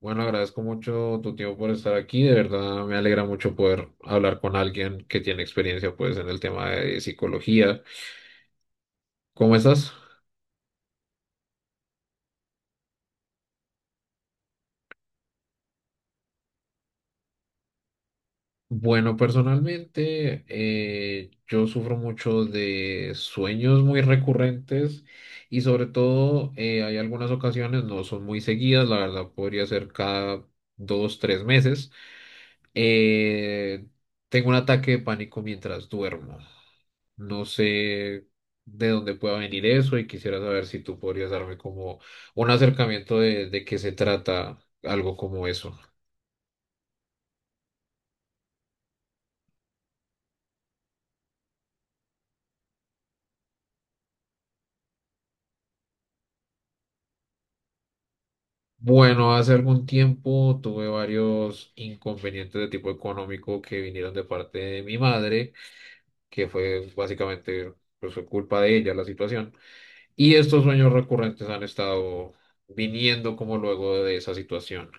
Bueno, agradezco mucho tu tiempo por estar aquí. De verdad, me alegra mucho poder hablar con alguien que tiene experiencia, pues, en el tema de psicología. ¿Cómo estás? Bueno, personalmente yo sufro mucho de sueños muy recurrentes y sobre todo, hay algunas ocasiones, no son muy seguidas, la verdad podría ser cada dos, tres meses. eh, Tengo un ataque de pánico mientras duermo. No sé de dónde pueda venir eso y quisiera saber si tú podrías darme como un acercamiento de qué se trata algo como eso. Bueno, hace algún tiempo tuve varios inconvenientes de tipo económico que vinieron de parte de mi madre, que fue básicamente, pues, fue culpa de ella la situación. Y estos sueños recurrentes han estado viniendo como luego de esa situación.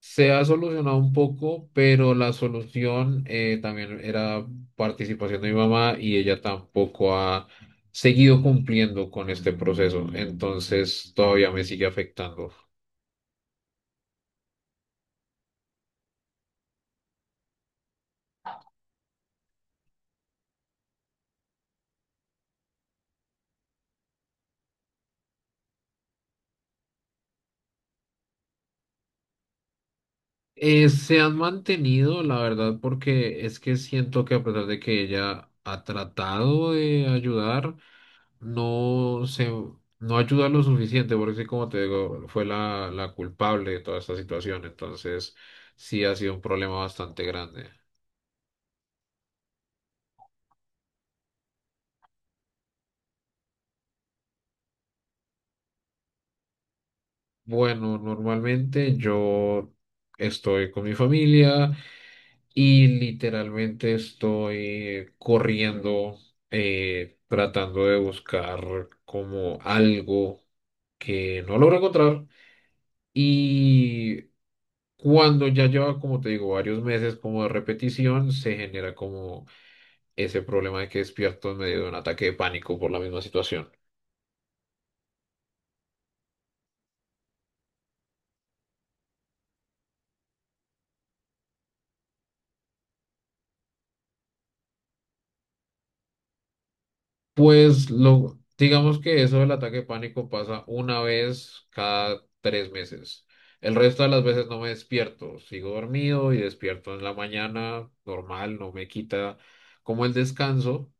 Se ha solucionado un poco, pero la solución, también era participación de mi mamá y ella tampoco ha seguido cumpliendo con este proceso. Entonces todavía me sigue afectando. Se han mantenido, la verdad, porque es que siento que a pesar de que ella ha tratado de ayudar, no se, no ayuda lo suficiente, porque sí, como te digo, fue la culpable de toda esta situación, entonces sí ha sido un problema bastante grande. Bueno, normalmente yo estoy con mi familia. Y literalmente estoy corriendo, tratando de buscar como algo que no logro encontrar. Y cuando ya lleva, como te digo, varios meses como de repetición, se genera como ese problema de que despierto en medio de un ataque de pánico por la misma situación. Pues lo, digamos que eso del ataque de pánico pasa una vez cada tres meses. El resto de las veces no me despierto, sigo dormido y despierto en la mañana, normal, no me quita como el descanso,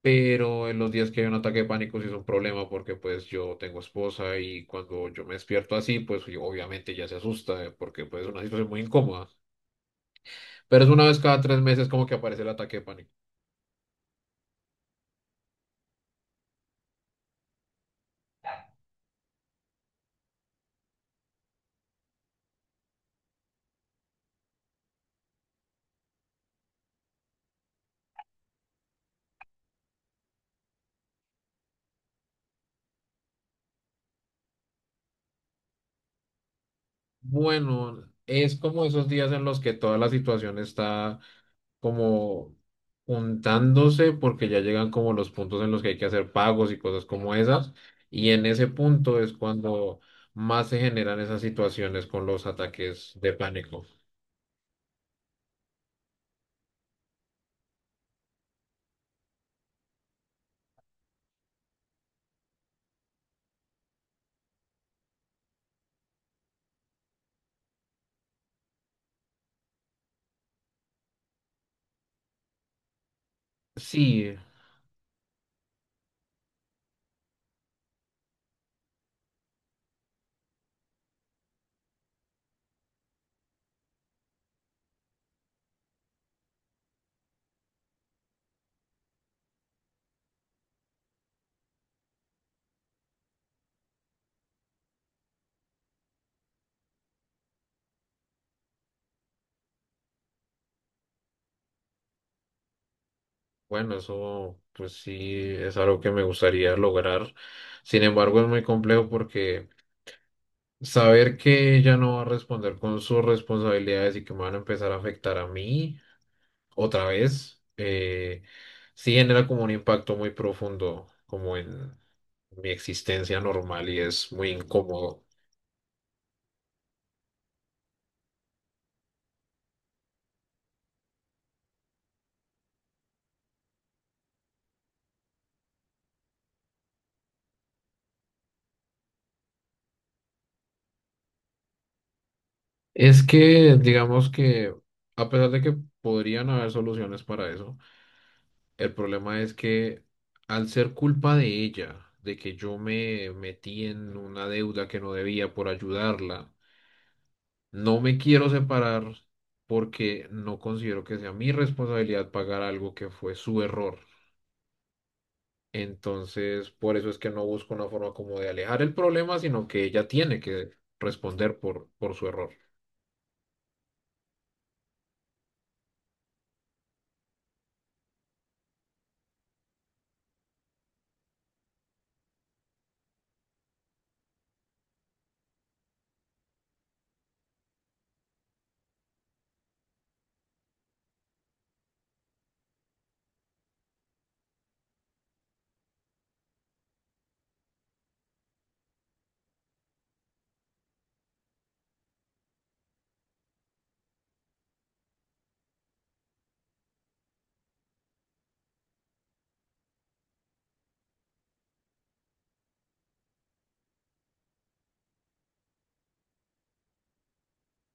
pero en los días que hay un ataque de pánico sí es un problema porque pues yo tengo esposa y cuando yo me despierto así, pues yo- obviamente ya se asusta, porque pues es una situación muy incómoda. Pero es una vez cada tres meses como que aparece el ataque de pánico. Bueno, es como esos días en los que toda la situación está como juntándose porque ya llegan como los puntos en los que hay que hacer pagos y cosas como esas. Y en ese punto es cuando más se generan esas situaciones con los ataques de pánico. Sí, bueno, eso pues sí es algo que me gustaría lograr. Sin embargo, es muy complejo porque saber que ella no va a responder con sus responsabilidades y que me van a empezar a afectar a mí. Otra vez, sí genera como un impacto muy profundo, como en mi existencia normal y es muy incómodo. Es que, digamos que, a pesar de que podrían haber soluciones para eso, el problema es que al ser culpa de ella, de que yo me metí en una deuda que no debía por ayudarla, no me quiero separar porque no considero que sea mi responsabilidad pagar algo que fue su error. Entonces, por eso es que no busco una forma como de alejar el problema, sino que ella tiene que responder por su error.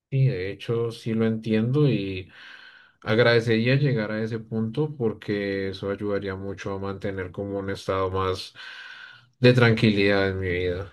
Y de hecho, sí lo entiendo y agradecería llegar a ese punto porque eso ayudaría mucho a mantener como un estado más de tranquilidad en mi vida.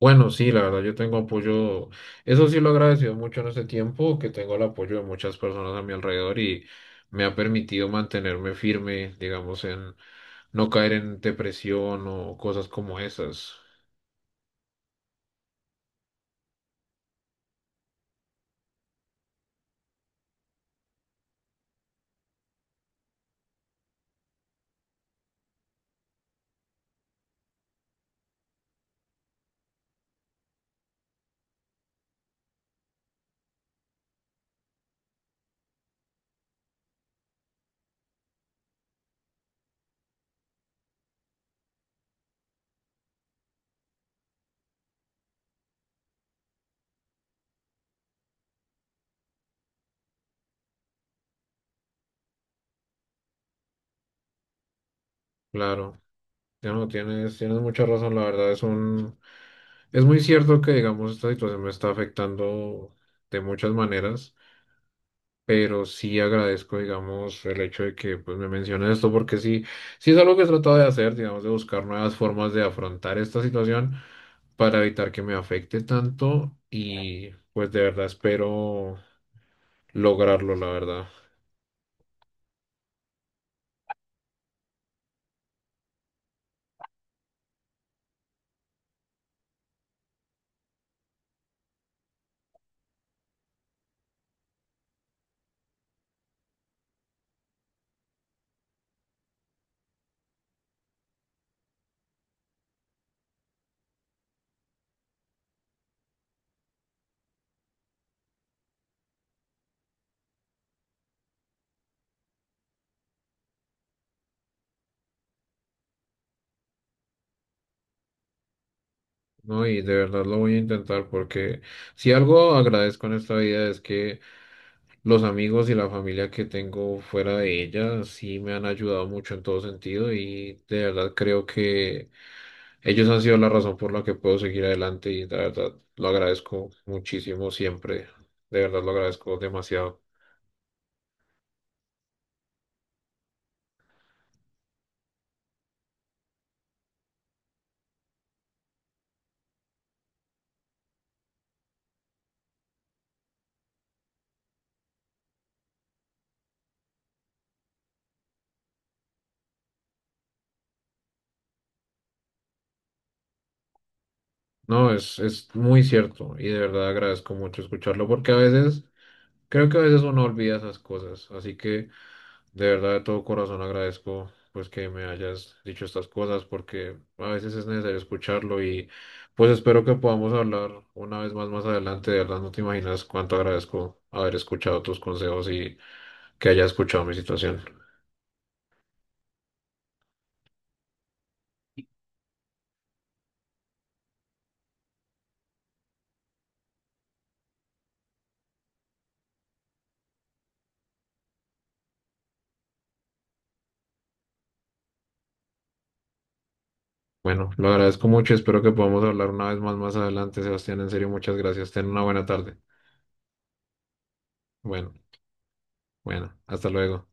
Bueno, sí, la verdad, yo tengo apoyo, eso sí lo he agradecido mucho en este tiempo, que tengo el apoyo de muchas personas a mi alrededor y me ha permitido mantenerme firme, digamos, en no caer en depresión o cosas como esas. Claro, ya no tienes, tienes mucha razón, la verdad, es un, es muy cierto que, digamos, esta situación me está afectando de muchas maneras. Pero sí agradezco, digamos, el hecho de que pues, me menciones esto, porque sí, sí es algo que he tratado de hacer, digamos, de buscar nuevas formas de afrontar esta situación para evitar que me afecte tanto y pues de verdad espero lograrlo, la verdad, ¿no? Y de verdad lo voy a intentar porque si algo agradezco en esta vida es que los amigos y la familia que tengo fuera de ella sí me han ayudado mucho en todo sentido y de verdad creo que... Ellos han sido la razón por la que puedo seguir adelante y la verdad lo agradezco muchísimo siempre. De verdad lo agradezco demasiado. No, es muy cierto y de verdad agradezco mucho escucharlo porque a veces, creo que a veces uno olvida esas cosas. Así que de verdad de todo corazón agradezco pues que me hayas dicho estas cosas porque a veces es necesario escucharlo y pues espero que podamos hablar una vez más más adelante. De verdad no te imaginas cuánto agradezco haber escuchado tus consejos y que hayas escuchado mi situación. Bueno, lo agradezco mucho y espero que podamos hablar una vez más más adelante, Sebastián. En serio, muchas gracias. Ten una buena tarde. Bueno, bueno, hasta luego.